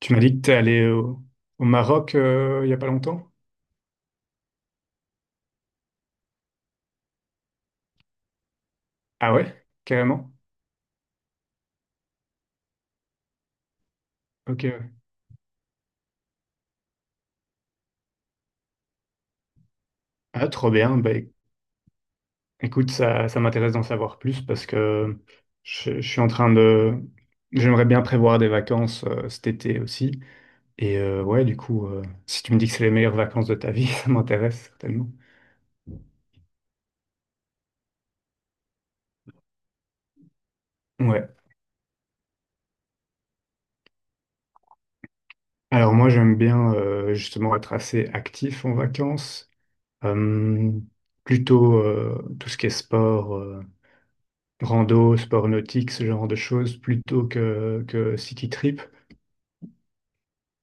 Tu m'as dit que t'es allé au, au Maroc il y a pas longtemps? Ah ouais? Carrément? Ok, ouais. Ah, trop bien. Bah, écoute, ça m'intéresse d'en savoir plus parce que je suis en train de... J'aimerais bien prévoir des vacances cet été aussi. Et ouais, du coup, si tu me dis que c'est les meilleures vacances de ta vie, ça m'intéresse certainement. Ouais. Alors moi, j'aime bien justement être assez actif en vacances. Euh, Plutôt tout ce qui est sport. Rando, sport nautique, ce genre de choses, plutôt que city trip.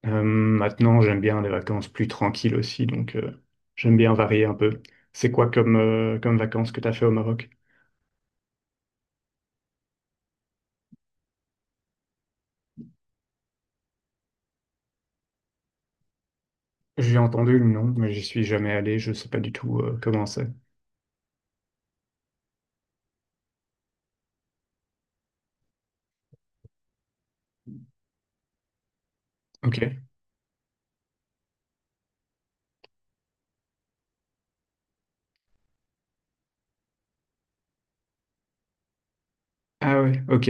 Maintenant, j'aime bien les vacances plus tranquilles aussi, donc j'aime bien varier un peu. C'est quoi comme, comme vacances que tu as fait au Maroc? J'ai entendu le nom, mais j'y suis jamais allé, je sais pas du tout comment c'est. Ok. Ah ouais, ok.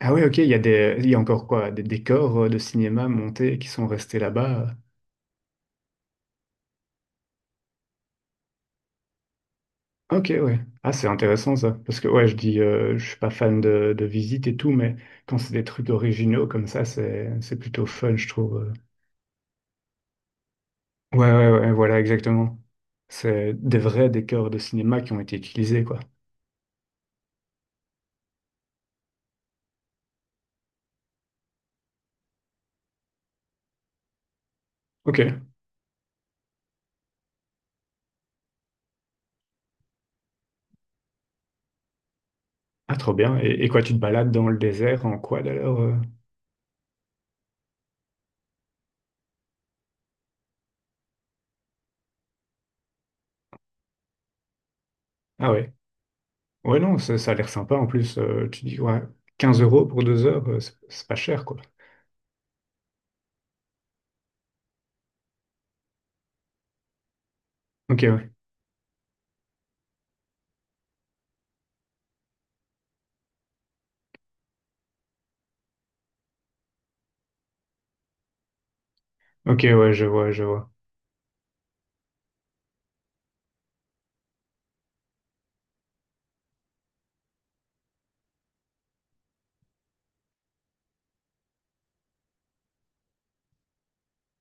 Ah ouais, ok, il y a il y a encore quoi, des décors de cinéma montés qui sont restés là-bas. Ok, ouais. Ah, c'est intéressant ça. Parce que, ouais, je dis, je suis pas fan de visite et tout, mais quand c'est des trucs originaux comme ça, c'est plutôt fun, je trouve. Ouais, ouais, ouais, voilà, exactement. C'est des vrais décors de cinéma qui ont été utilisés, quoi. Ok. Ah, trop bien. Et quoi, tu te balades dans le désert en quad alors? Ah, ouais. Ouais, non, ça a l'air sympa en plus. Tu dis, ouais, 15 euros pour 2 heures, c'est pas cher, quoi. Ok, ouais. Ok, ouais, je vois, je vois.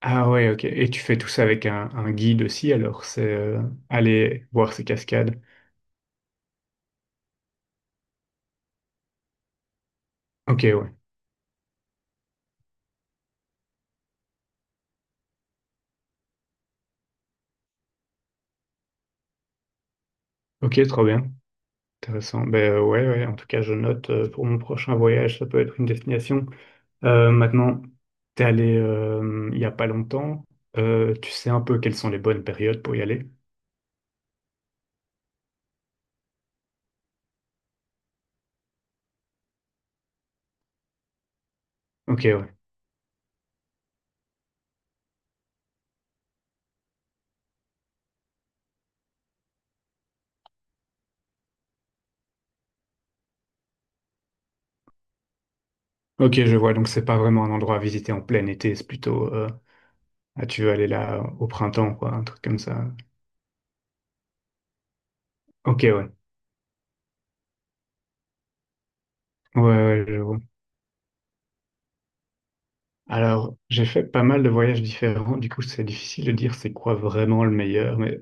Ah ouais, ok. Et tu fais tout ça avec un guide aussi, alors c'est aller voir ces cascades. Ok, ouais. Ok, trop bien. Intéressant. Ben ouais, ouais, en tout cas, je note pour mon prochain voyage, ça peut être une destination. Maintenant, t'es allé il y a pas longtemps. Tu sais un peu quelles sont les bonnes périodes pour y aller? Ok, ouais. Ok, je vois. Donc c'est pas vraiment un endroit à visiter en plein été, c'est plutôt ah, tu veux aller là au printemps, quoi, un truc comme ça. Ok, ouais. Ouais, ouais, je vois. Alors, j'ai fait pas mal de voyages différents, du coup c'est difficile de dire c'est quoi vraiment le meilleur, mais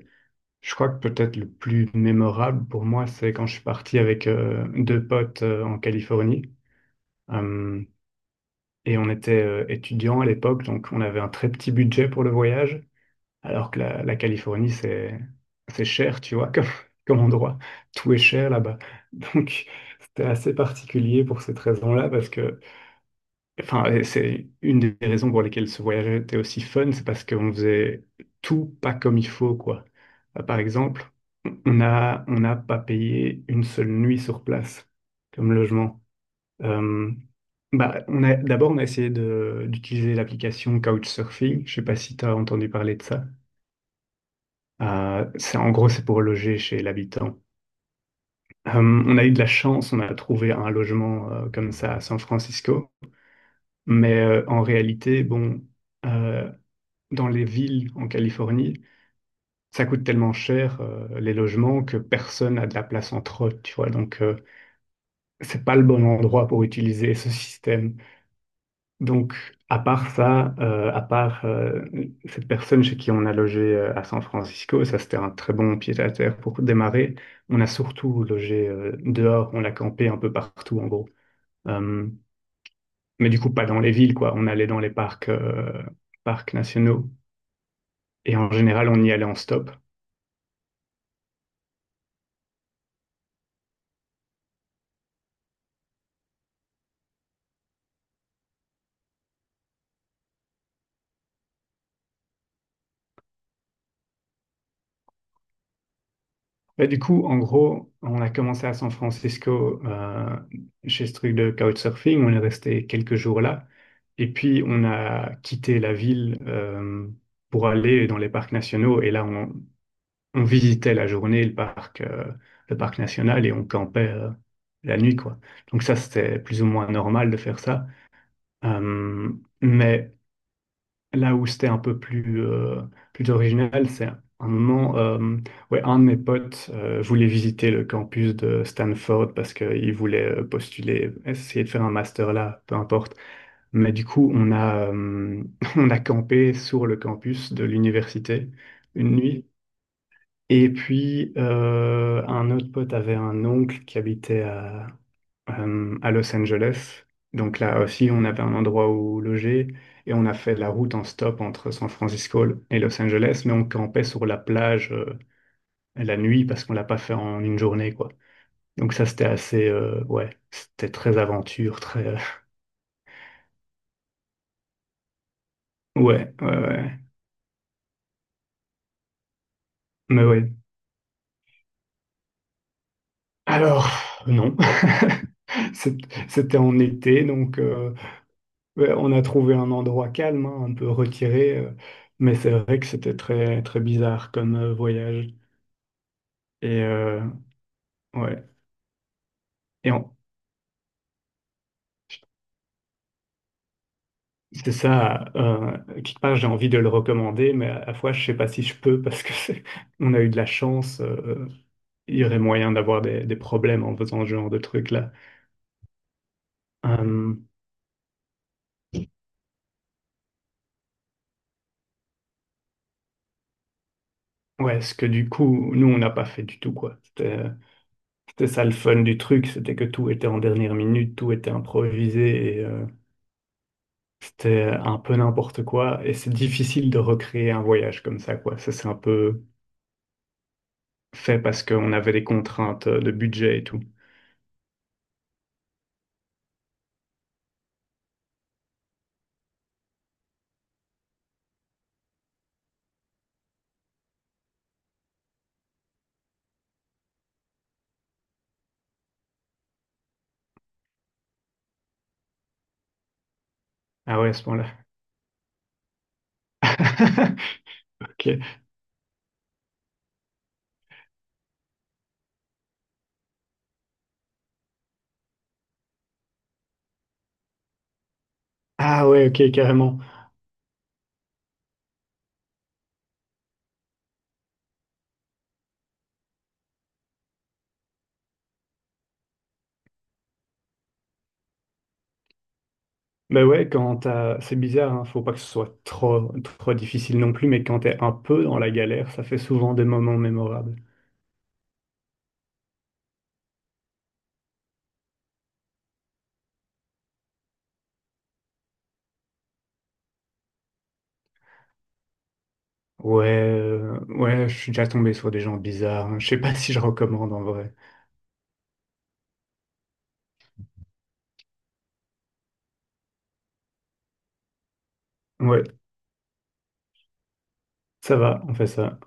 je crois que peut-être le plus mémorable pour moi, c'est quand je suis parti avec deux potes en Californie. Euh, et on était étudiants à l'époque, donc on avait un très petit budget pour le voyage, alors que la Californie, c'est cher, tu vois, comme, comme endroit. Tout est cher là-bas. Donc c'était assez particulier pour cette raison-là, parce que enfin, et c'est une des raisons pour lesquelles ce voyage était aussi fun, c'est parce qu'on faisait tout pas comme il faut, quoi. Par exemple, on n'a pas payé une seule nuit sur place comme logement. Euh, Bah, d'abord, on a essayé d'utiliser l'application Couchsurfing. Je sais pas si tu as entendu parler de ça. C'est, en gros, c'est pour loger chez l'habitant. On a eu de la chance, on a trouvé un logement comme ça à San Francisco. Mais en réalité, bon, euh, dans les villes en Californie, ça coûte tellement cher les logements que personne n'a de la place entre eux, tu vois. Donc, c'est pas le bon endroit pour utiliser ce système. Donc, à part ça, à part cette personne chez qui on a logé à San Francisco, ça c'était un très bon pied-à-terre pour démarrer. On a surtout logé dehors, on a campé un peu partout en gros. Euh, mais du coup, pas dans les villes, quoi. On allait dans les parcs, parcs nationaux. Et en général, on y allait en stop. Bah, du coup, en gros, on a commencé à San Francisco chez ce truc de couchsurfing. On est resté quelques jours là. Et puis, on a quitté la ville pour aller dans les parcs nationaux. Et là, on visitait la journée le parc national et on campait la nuit, quoi. Donc ça, c'était plus ou moins normal de faire ça. Euh, mais là où c'était un peu plus, plus original, c'est un moment, ouais, un de mes potes voulait visiter le campus de Stanford parce qu'il voulait postuler, essayer de faire un master là, peu importe. Mais du coup, on a campé sur le campus de l'université une nuit. Et puis, un autre pote avait un oncle qui habitait à Los Angeles. Donc là aussi, on avait un endroit où loger et on a fait la route en stop entre San Francisco et Los Angeles, mais on campait sur la plage la nuit parce qu'on l'a pas fait en une journée, quoi. Donc ça, c'était assez, ouais, c'était très aventure, très, ouais, ouais, ouais, mais ouais. Alors, non, C'est- c'était en été, donc ouais, on a trouvé un endroit calme, hein, un peu retiré, mais c'est vrai que c'était très, très bizarre comme voyage. Et ouais. Et c'est ça, quelque part, j'ai envie de le recommander, mais à la fois, je sais pas si je peux parce que on a eu de la chance. Il y aurait moyen d'avoir des problèmes en faisant ce genre de truc-là. Euh, ouais, ce que du coup, nous, on n'a pas fait du tout, quoi. C'était ça le fun du truc, c'était que tout était en dernière minute, tout était improvisé et c'était un peu n'importe quoi. Et c'est difficile de recréer un voyage comme ça, quoi. Ça, c'est un peu fait parce qu'on avait des contraintes de budget et tout. Ah ouais, à ce moment-là. Ok. Ah ouais, ok, carrément. Mais ouais, quand t'as... C'est bizarre, hein, faut pas que ce soit trop, trop difficile non plus, mais quand t'es un peu dans la galère, ça fait souvent des moments mémorables. Ouais, ouais, je suis déjà tombé sur des gens bizarres, hein. Je sais pas si je recommande en vrai. Ouais, ça va, on fait ça.